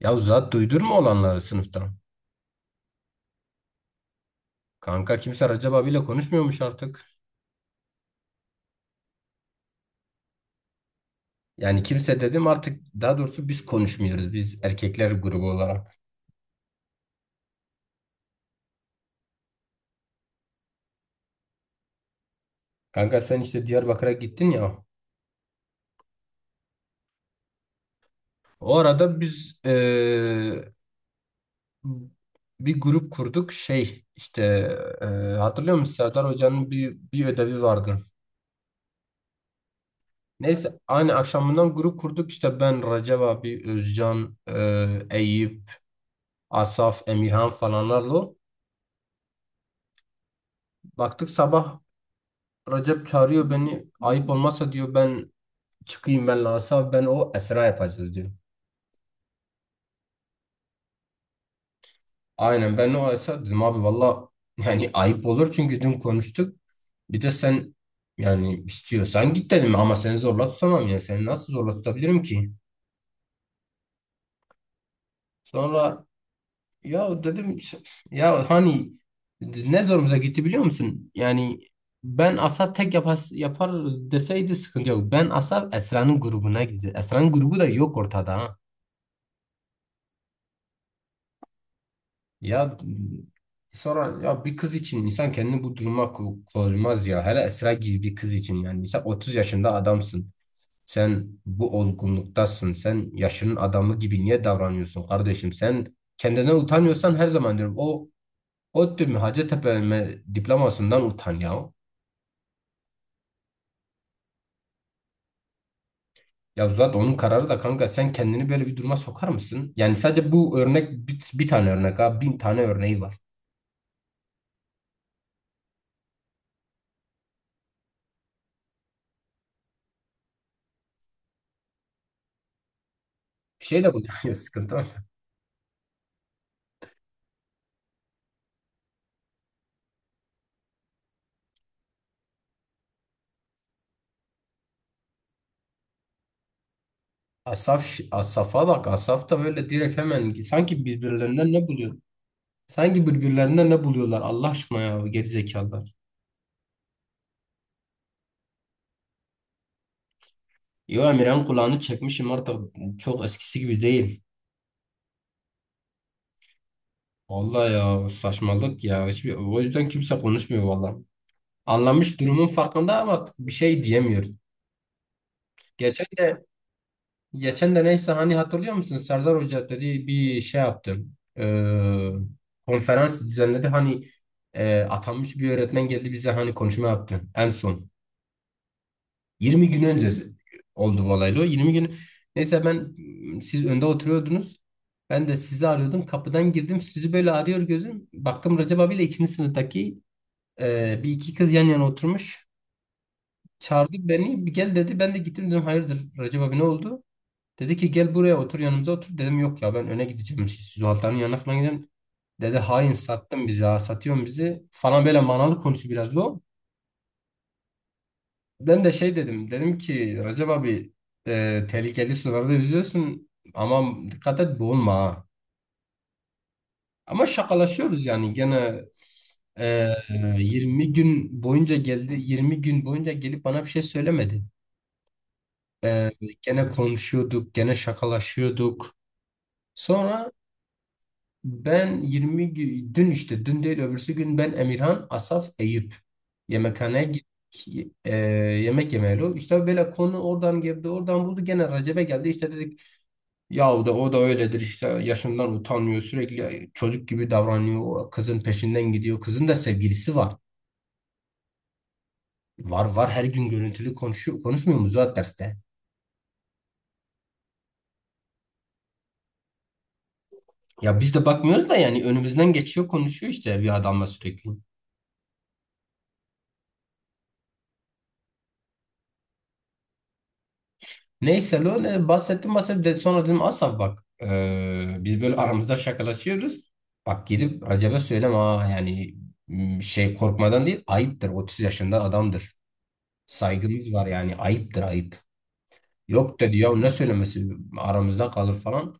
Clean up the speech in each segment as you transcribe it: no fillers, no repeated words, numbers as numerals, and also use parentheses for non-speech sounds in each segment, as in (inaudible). Ya zat duydurma olanları sınıftan. Kanka kimse Recep abiyle konuşmuyormuş artık. Yani kimse dedim artık, daha doğrusu biz konuşmuyoruz, biz erkekler grubu olarak. Kanka sen işte Diyarbakır'a gittin ya. O arada biz bir grup kurduk şey işte eee, hatırlıyor musun Serdar Hoca'nın bir ödevi vardı. Neyse aynı akşamından grup kurduk işte ben Recep abi, Özcan, Eyüp, Asaf, Emirhan falanlarla. Baktık sabah Recep çağırıyor beni. Ayıp olmazsa diyor ben çıkayım, ben Asa, ben o Esra yapacağız diyor. Aynen ben o Esra dedim, abi valla yani ayıp olur çünkü dün konuştuk. Bir de sen, yani istiyorsan git dedim ama seni zorla tutamam, yani seni nasıl zorla tutabilirim ki? Sonra ya dedim, ya hani ne zorumuza gitti biliyor musun? Yani ben Asa tek yapar, yapar deseydi sıkıntı yok. Ben Asa Esra'nın grubuna gideceğiz. Esra'nın grubu da yok ortada ha. Ya sonra, ya bir kız için insan kendini bu duruma koymaz ya. Hele Esra gibi bir kız için yani. Sen 30 yaşında adamsın. Sen bu olgunluktasın. Sen yaşının adamı gibi niye davranıyorsun kardeşim? Sen kendine utanıyorsan her zaman diyorum, o ODTÜ mü Hacettepe mi diplomasından utan ya. Ya zaten onun kararı da, kanka sen kendini böyle bir duruma sokar mısın? Yani sadece bu örnek, bir tane örnek ha, bin tane örneği var. Bir şey de bu (laughs) sıkıntı. Asaf, Asaf'a bak. Asaf da böyle direkt hemen, sanki birbirlerinden ne buluyor? Sanki birbirlerinden ne buluyorlar Allah aşkına ya, gerizekalılar. Yo Emirhan kulağını çekmişim artık, çok eskisi gibi değil. Vallahi ya saçmalık ya. Hiçbir, o yüzden kimse konuşmuyor vallahi. Anlamış, durumun farkında ama artık bir şey diyemiyor. Geçen de geçen de neyse, hani hatırlıyor musun? Serdar Hoca dedi bir şey yaptı. Ee, Konferans düzenledi. Hani atanmış bir öğretmen geldi bize, hani konuşma yaptı. En son. 20 gün önce oldu bu olaylı. O 20 gün. Neyse ben, siz önde oturuyordunuz. Ben de sizi arıyordum. Kapıdan girdim. Sizi böyle arıyor gözüm. Baktım Recep abiyle ikinci sınıftaki 1 iki kız yan yana oturmuş. Çağırdı beni. Bir gel dedi. Ben de gittim, dedim hayırdır Recep abi, ne oldu? Dedi ki gel buraya otur, yanımıza otur. Dedim yok ya, ben öne gideceğim. Zuhal'ların yanına falan gideceğim. Dedi hain, sattın bizi ha, satıyorsun bizi falan, böyle manalı konusu biraz o. Ben de şey dedim. Dedim ki Recep abi, tehlikeli sularda yüzüyorsun ama dikkat et, boğulma ha. Ama şakalaşıyoruz yani gene. e, 20 gün boyunca geldi, 20 gün boyunca gelip bana bir şey söylemedi. E, Gene konuşuyorduk, gene şakalaşıyorduk. Sonra ben dün, işte dün değil öbürsü gün, ben Emirhan Asaf Eyüp yemekhaneye gittik. E, Yemek yemeyeli. İşte böyle konu oradan girdi, oradan buldu gene Recep'e geldi. İşte dedik yahu, da o da öyledir işte, yaşından utanmıyor, sürekli çocuk gibi davranıyor, o kızın peşinden gidiyor, kızın da sevgilisi var. Var var, her gün görüntülü konuşuyor, konuşmuyor mu zaten derste? Ya biz de bakmıyoruz da yani önümüzden geçiyor, konuşuyor işte bir adamla sürekli. Neyse lo, ne bahsettim bahsettim de sonra dedim Asaf bak, biz böyle aramızda şakalaşıyoruz. Bak gidip Recep'e söyleme ha, yani şey korkmadan değil, ayıptır, 30 yaşında adamdır. Saygımız var yani, ayıptır ayıp. Yok dedi ya, ne söylemesi, aramızda kalır falan.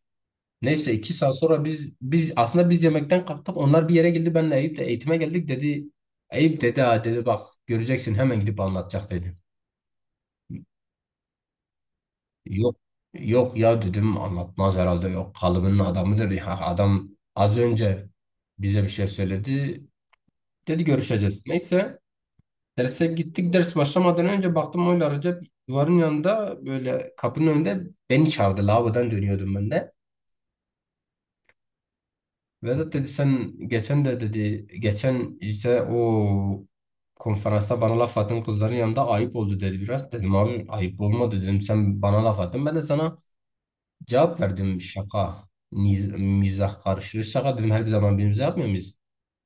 Neyse 2 saat sonra biz aslında biz yemekten kalktık, onlar bir yere geldi, benle Eyüp de eğitime geldik dedi. Eyüp dedi, ha dedi, bak göreceksin hemen gidip anlatacak dedi. Yok Yok ya dedim, anlatmaz herhalde, yok kalıbının adamıdır ya adam, az önce bize bir şey söyledi, dedi görüşeceğiz, neyse derse gittik. Ders başlamadan önce baktım, oyla Recep duvarın yanında böyle, kapının önünde beni çağırdı. Lavabodan dönüyordum ben de. Vedat dedi, sen geçen de dedi, geçen işte o konferansta bana laf attın kızların yanında, ayıp oldu dedi biraz. Dedim abi ayıp olmadı, dedim sen bana laf attın, ben de sana cevap verdim, şaka. Mizah karışıyor. Şaka dedim, her bir zaman birbirimize yapmıyor muyuz?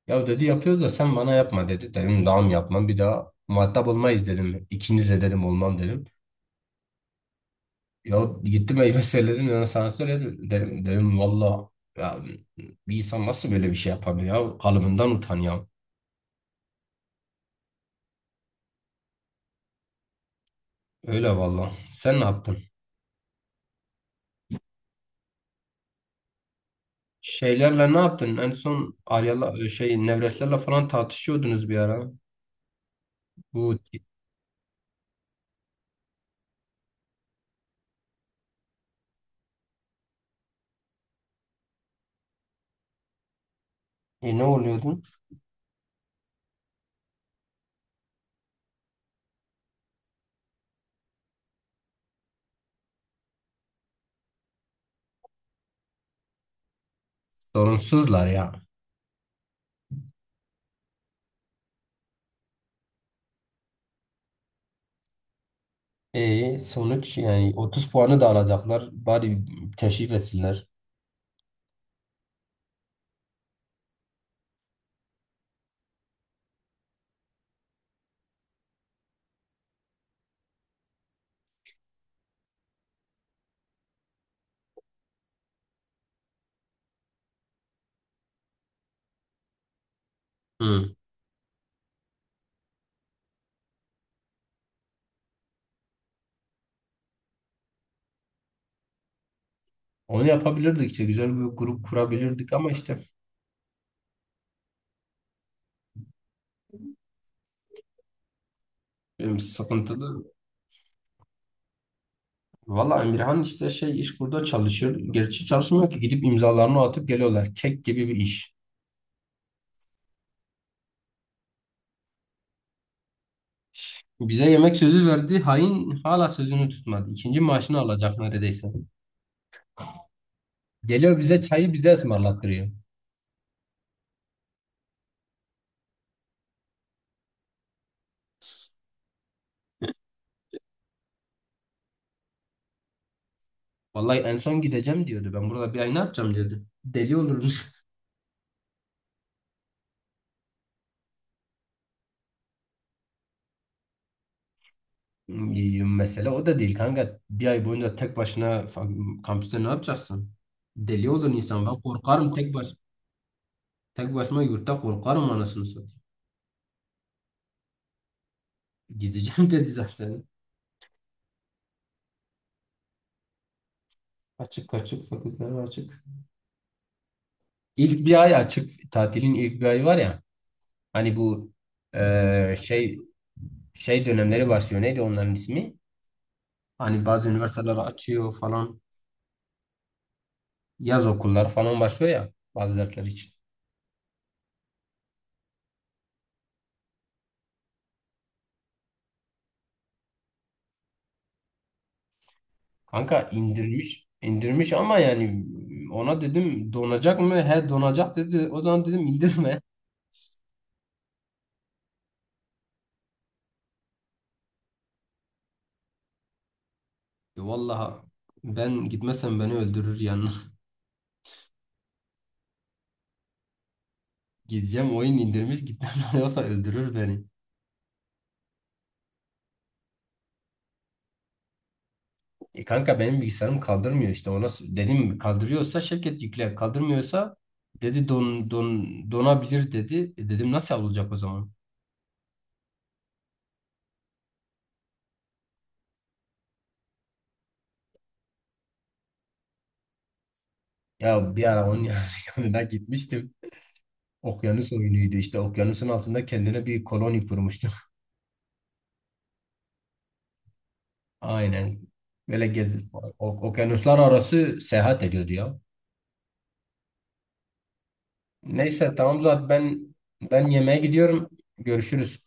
Ya dedi yapıyoruz da sen bana yapma dedi. Dedim daha mı yapmam, bir daha muhatap olmayız dedim. İkiniz de dedim olmam dedim. Ya gittim elime söyledim ya, sana söyledim dedim. Dedim valla ya, bir insan nasıl böyle bir şey yapabilir ya, kalıbından utan ya. Öyle valla. Sen ne yaptın? Şeylerle ne yaptın? En son Arya'la şey, Nevreslerle falan tartışıyordunuz bir ara. Bu ne oluyordu? Sorunsuzlar ya. E sonuç, yani 30 puanı da alacaklar. Bari teşrif etsinler. Hı. Onu yapabilirdik işte, güzel bir grup kurabilirdik ama işte sıkıntılı. Valla Emirhan işte şey, iş burada çalışıyor. Gerçi çalışmıyor ki, gidip imzalarını atıp geliyorlar. Kek gibi bir iş. Bize yemek sözü verdi. Hain hala sözünü tutmadı. İkinci maaşını alacak neredeyse. Geliyor bize, çayı bize ısmarlattırıyor. Vallahi en son gideceğim diyordu. Ben burada bir ay ne yapacağım diyordu. Deli olurum. Mesele o da değil kanka. Bir ay boyunca tek başına kampüste ne yapacaksın? Deli olur insan. Ben korkarım tek baş tek başıma yurtta korkarım, anasını satayım. Gideceğim (laughs) dedi zaten. Açık, açık fakülteler açık. İlk bir ay açık. Tatilin ilk bir ayı var ya. Hani bu şey, dönemleri başlıyor. Neydi onların ismi? Hani bazı üniversiteler açıyor falan. Yaz okulları falan başlıyor ya, bazı dersler için. Kanka indirmiş, indirmiş ama yani, ona dedim donacak mı? He donacak dedi. O zaman dedim indirme. Vallahi ben gitmezsem beni öldürür yani. (laughs) Gideceğim, oyun indirmiş, gitmem (laughs) yoksa öldürür beni. E kanka benim bilgisayarım kaldırmıyor işte, ona dedim kaldırıyorsa şirket yükle, kaldırmıyorsa dedi donabilir dedi. E dedim, nasıl olacak o zaman? Ya bir ara onun (laughs) yanına gitmiştim. Okyanus oyunuydu işte, okyanusun altında kendine bir koloni kurmuştu. Aynen. Böyle okyanuslar arası seyahat ediyordu ya. Neyse tamam, zaten ben yemeğe gidiyorum. Görüşürüz.